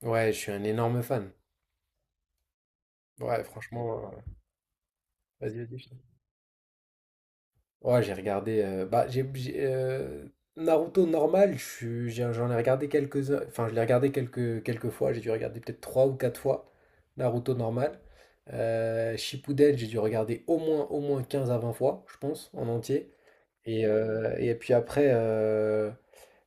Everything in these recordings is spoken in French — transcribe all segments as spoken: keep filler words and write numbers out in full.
Ouais, je suis un énorme fan. Ouais, franchement, euh, vas-y, vas-y. Je t'en Ouais, j'ai regardé. euh, bah, j'ai, j'ai, euh, Naruto normal, je suis- j'ai- j'en ai regardé quelques, enfin, je l'ai regardé quelques, quelques fois. J'ai dû regarder peut-être trois ou quatre fois Naruto normal. Euh, Shippuden, j'ai dû regarder au moins, au moins quinze à vingt fois, je pense, en entier. Et, euh, et puis après, euh,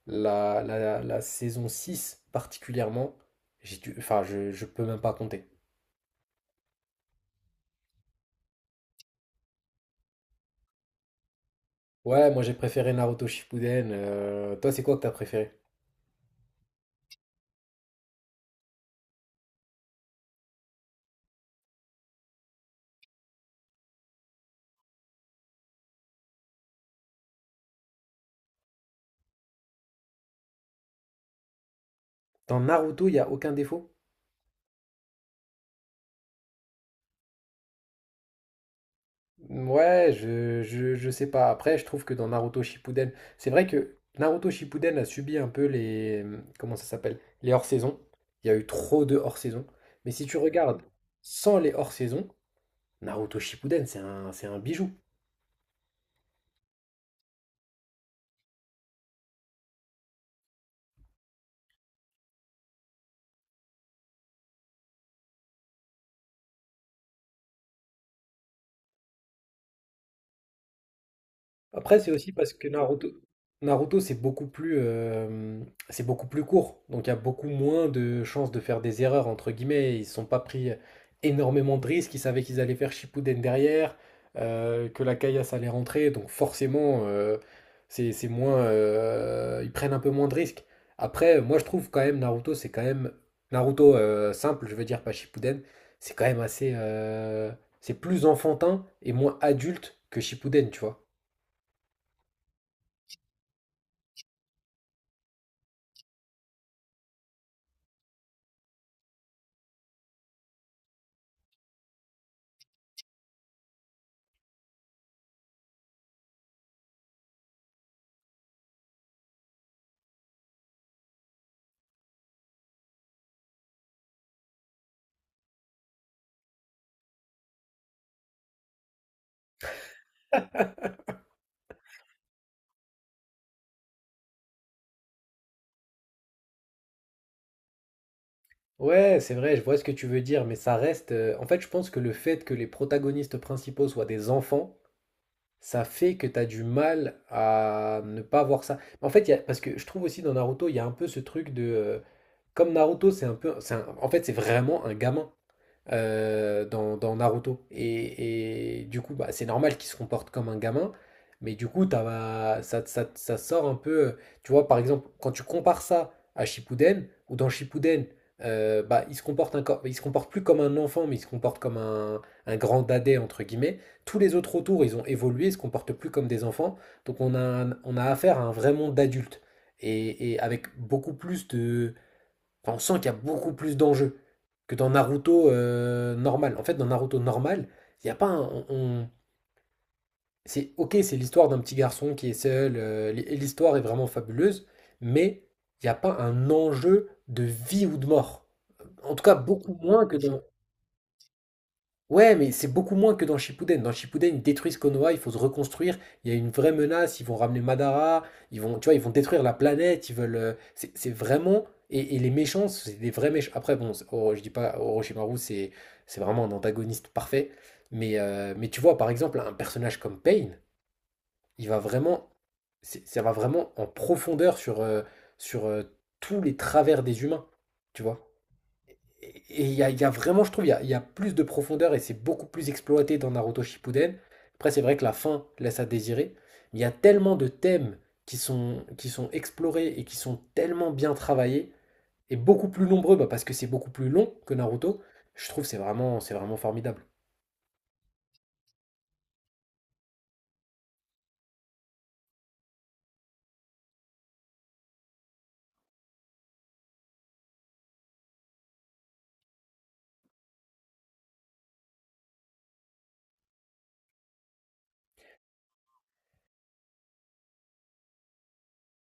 la, la, la saison six particulièrement, j'ai dû, enfin, je, je peux même pas compter. Ouais, moi j'ai préféré Naruto Shippuden. euh, toi, c'est quoi que t'as préféré? Dans Naruto, il n'y a aucun défaut? Ouais, je, je, je sais pas. Après, je trouve que dans Naruto Shippuden, c'est vrai que Naruto Shippuden a subi un peu les... mmh, Comment ça s'appelle? Les hors-saisons. Il y a eu trop de hors-saisons. Mais si tu regardes sans les hors-saisons, Naruto Shippuden, c'est un, c'est un bijou. Après, c'est aussi parce que Naruto, Naruto, c'est beaucoup plus, euh, c'est beaucoup plus court. Donc, il y a beaucoup moins de chances de faire des erreurs, entre guillemets. Ils ne se sont pas pris énormément de risques. Ils savaient qu'ils allaient faire Shippuden derrière, euh, que la caillasse allait rentrer. Donc, forcément, euh, c'est, c'est moins, euh, ils prennent un peu moins de risques. Après, moi, je trouve quand même Naruto, c'est quand même Naruto euh, simple, je veux dire, pas Shippuden. C'est quand même assez, euh, c'est plus enfantin et moins adulte que Shippuden, tu vois. Ouais, c'est vrai, je vois ce que tu veux dire, mais ça reste. euh, En fait, je pense que le fait que les protagonistes principaux soient des enfants, ça fait que t'as du mal à ne pas voir ça. En fait, il y a... parce que je trouve aussi dans Naruto, il y a un peu ce truc de. euh, Comme Naruto, c'est un peu. c'est un- En fait, c'est vraiment un gamin euh, dans, dans Naruto. Et, et du coup, bah, c'est normal qu'il se comporte comme un gamin, mais du coup, t'as- ça, ça, ça sort un peu. euh, Tu vois, par exemple, quand tu compares ça à Shippuden, ou dans Shippuden, euh, bah, il se comporte encore, il se comporte plus comme un enfant, mais il se comporte comme un, un grand dadais, entre guillemets. Tous les autres autour, ils ont évolué, ils se comportent plus comme des enfants. Donc, on a, un- on a affaire à un vrai monde d'adultes. Et, et avec beaucoup plus de, Enfin, on sent qu'il y a beaucoup plus d'enjeux que dans Naruto euh, normal. En fait, dans Naruto normal, il n'y a pas un. on- on- C'est ok, c'est l'histoire d'un petit garçon qui est seul, euh, l'hi- l'histoire est vraiment fabuleuse, mais il n'y a pas un enjeu de vie ou de mort. En tout cas, beaucoup moins que dans. Ouais, mais c'est beaucoup moins que dans Shippuden. Dans Shippuden, ils détruisent Konoha, il faut se reconstruire. Il y a une vraie menace. Ils vont ramener Madara. Ils vont, tu vois, ils vont détruire la planète. Ils veulent. euh, C'est c'est vraiment. Et, et les méchants, c'est des vrais méchants. Après, bon, c'est- Oro- je dis pas Orochimaru, c'est c'est vraiment un antagoniste parfait. Mais euh, mais tu vois, par exemple, un personnage comme Pain, il va vraiment, c'est- ça va vraiment en profondeur sur euh, sur euh, tous les travers des humains. Tu vois? Et il y a, y a vraiment, je trouve, il y a, y a plus de profondeur et c'est beaucoup plus exploité dans Naruto Shippuden. Après, c'est vrai que la fin laisse à désirer. Mais il y a tellement de thèmes qui sont, qui sont explorés et qui sont tellement bien travaillés et beaucoup plus nombreux bah, parce que c'est beaucoup plus long que Naruto. Je trouve que c'est vraiment, c'est vraiment formidable.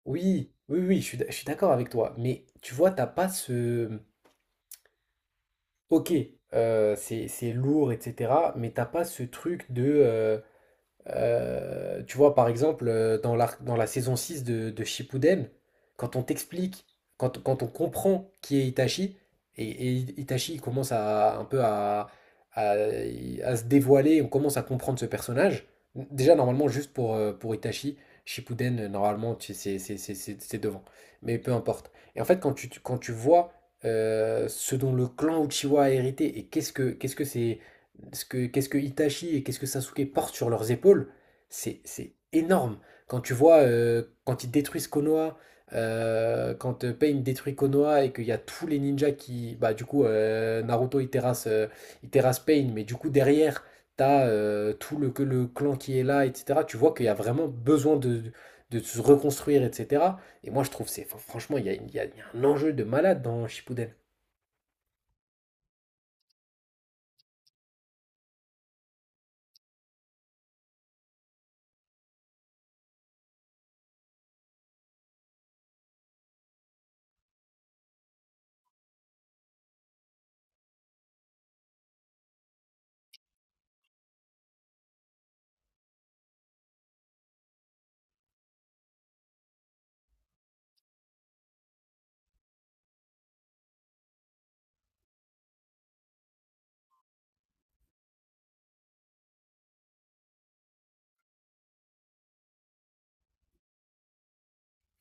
Oui, oui, oui, je suis, d- je suis d'accord avec toi. Mais tu vois, t'as pas ce. Ok, euh, c'est, c'est lourd, et cetera. Mais t'as pas ce truc de. euh, Euh, tu vois, par exemple, euh, dans la, dans la saison six de, de Shippuden, quand on t'explique, quand, quand on comprend qui est Itachi, et, et Itachi il commence à un peu à, à, à se dévoiler, on commence à comprendre ce personnage. Déjà, normalement, juste pour, euh, pour Itachi, Shippuden, euh, normalement, tu- c'est c'est- c'est- c'est- c'est devant. Mais peu importe. Et en fait, quand tu, tu- quand tu vois euh, ce dont le clan Uchiwa a hérité et qu'est-ce que qu'est-ce que c'est ce que- qu'est-ce que Itachi et qu'est-ce que Sasuke portent sur leurs épaules, c'est c'est énorme. Quand tu vois, euh, quand ils détruisent Konoha, euh, quand euh, Pain détruit Konoha et qu'il y a tous les ninjas qui... Bah du coup, euh, Naruto, il terrasse, euh, il terrasse Pain, mais du coup, derrière, t'as euh, tout le, que le clan qui est là, et cetera. Tu vois qu'il y a vraiment besoin de, de se reconstruire, et cetera. Et moi, je trouve, c'est, enfin, franchement, il y a, il y a- il y a un enjeu de malade dans Shippuden.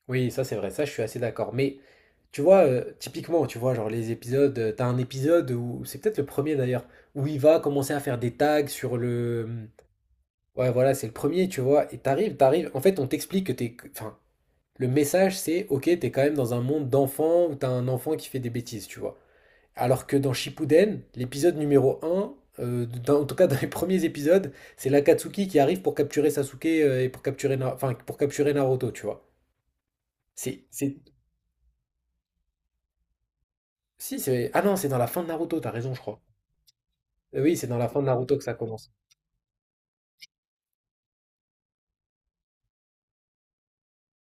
Oui, ça c'est vrai, ça je suis assez d'accord. Mais tu vois, euh, typiquement, tu vois, genre les épisodes, euh, t'as un épisode où, c'est peut-être le premier d'ailleurs, où il va commencer à faire des tags sur le... euh, Ouais, voilà, c'est le premier, tu vois, et t'arrives, t'arrives, en fait on t'explique que t'es... que- Enfin, le message c'est, ok, t'es quand même dans un monde d'enfants où t'as un enfant qui fait des bêtises, tu vois. Alors que dans Shippuden, l'épisode numéro un, euh, dans- en tout cas dans les premiers épisodes, c'est l'Akatsuki qui arrive pour capturer Sasuke euh, et pour capturer, Na- enfin, pour capturer Naruto, tu vois. C'est c'est- Si, c'est ah non, c'est dans la fin de Naruto, t'as raison, je crois. Euh, Oui, c'est dans la fin de Naruto que ça commence.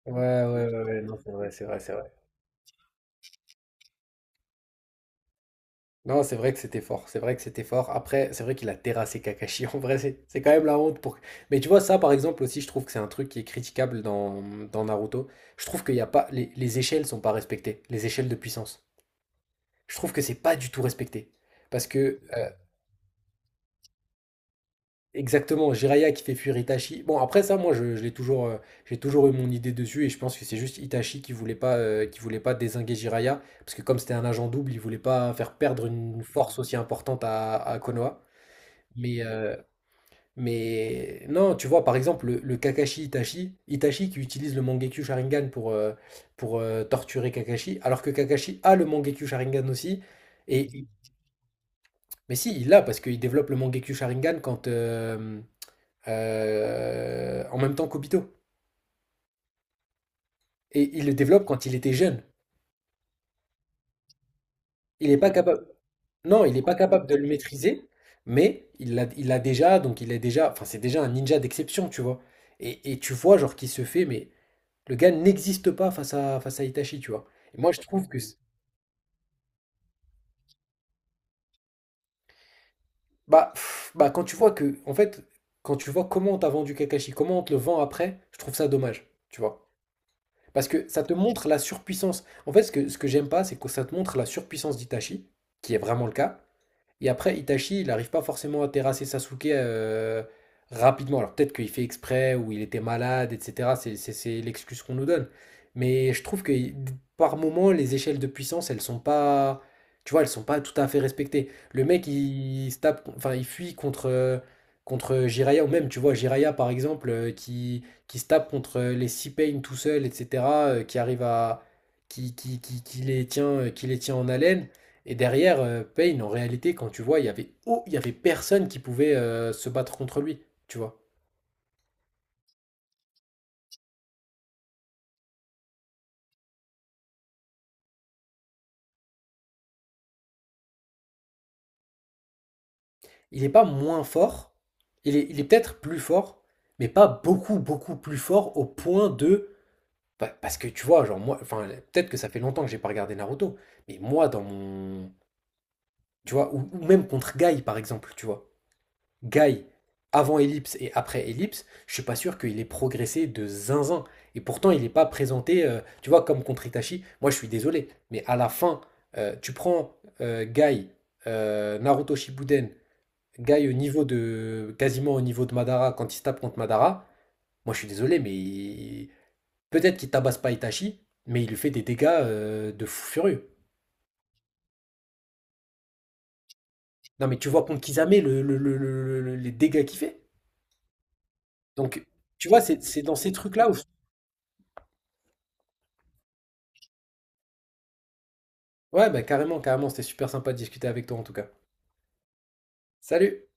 Ouais, ouais, ouais, ouais, ouais, non, c'est vrai, c'est vrai, c'est vrai. Non, c'est vrai que c'était fort, c'est vrai que c'était fort. Après, c'est vrai qu'il a terrassé Kakashi. En vrai, c'est c'est quand même la honte pour. Mais tu vois, ça, par exemple, aussi, je trouve que c'est un truc qui est critiquable dans, dans Naruto. Je trouve qu'il y a pas. Les, les échelles sont pas respectées, les échelles de puissance. Je trouve que c'est pas du tout respecté. Parce que, euh, Exactement, Jiraiya qui fait fuir Itachi. Bon, après ça, moi, je, je l'ai toujours, euh, j'ai toujours eu mon idée dessus et je pense que c'est juste Itachi qui voulait pas, euh, qui voulait pas désinguer Jiraiya parce que comme c'était un agent double, il voulait pas faire perdre une force aussi importante à, à Konoha. Mais, euh, mais non, tu vois, par exemple, le, le Kakashi Itachi, Itachi qui utilise le Mangekyou Sharingan pour, euh, pour euh, torturer Kakashi, alors que Kakashi a le Mangekyou Sharingan aussi. Et, mais si, il l'a parce qu'il développe le Mangekyou Sharingan quand. euh, euh, en même temps qu'Obito. Et il le développe quand il était jeune. Il n'est pas capable. Non, il n'est pas capable de le maîtriser, mais il l'a il l'a déjà, donc il est déjà. Enfin, c'est déjà un ninja d'exception, tu vois. Et, et tu vois, genre, qui se fait, mais le gars n'existe pas face à, face à Itachi, tu vois. Et moi, je trouve que. c'est- Bah, pff, bah, quand tu vois que. En fait, quand tu vois comment on t'a vendu Kakashi, comment on te le vend après, je trouve ça dommage, tu vois. Parce que ça te montre la surpuissance. En fait, ce que, ce que j'aime pas, c'est que ça te montre la surpuissance d'Itachi, qui est vraiment le cas, et après, Itachi, il n'arrive pas forcément à terrasser Sasuke euh, rapidement. Alors peut-être qu'il fait exprès ou il était malade, et cetera. C'est c'est- c'est l'excuse qu'on nous donne. Mais je trouve que par moment, les échelles de puissance, elles sont pas, tu vois, elles sont pas tout à fait respectées. Le mec, il, se tape, enfin, il fuit contre euh, contre Jiraiya ou même, tu vois, Jiraiya par exemple, euh, qui qui se tape contre euh, les Pain tout seul, et cetera euh, qui arrive à qui, qui, qui, qui les tient, euh, qui les tient en haleine. Et derrière, euh, Payne, en réalité, quand tu vois, il y avait, oh, il y avait personne qui pouvait euh, se battre contre lui, tu vois. Il n'est pas moins fort, il est, il est peut-être plus fort, mais pas beaucoup, beaucoup plus fort au point de... bah, parce que tu vois, genre moi, enfin, peut-être que ça fait longtemps que j'ai pas regardé Naruto, mais moi, dans mon... Tu vois, ou, ou même contre Guy, par exemple, tu vois. Guy, avant Ellipse et après Ellipse, je suis pas sûr qu'il ait progressé de zinzin. Et pourtant, il n'est pas présenté, euh, tu vois, comme contre Itachi. Moi, je suis désolé, mais à la fin, euh, tu prends euh, Guy, euh, Naruto Shippuden, Guy au niveau de, quasiment au niveau de Madara, quand il se tape contre Madara. Moi, je suis désolé, mais il- peut-être qu'il tabasse pas Itachi, mais il lui fait des dégâts euh, de fou furieux. Non, mais tu vois contre Kisame le- le- le- le- le- les dégâts qu'il fait. Donc, tu vois, c'est c'est dans ces trucs-là où je Ouais, bah carrément, carrément, c'était super sympa de discuter avec toi en tout cas. Salut!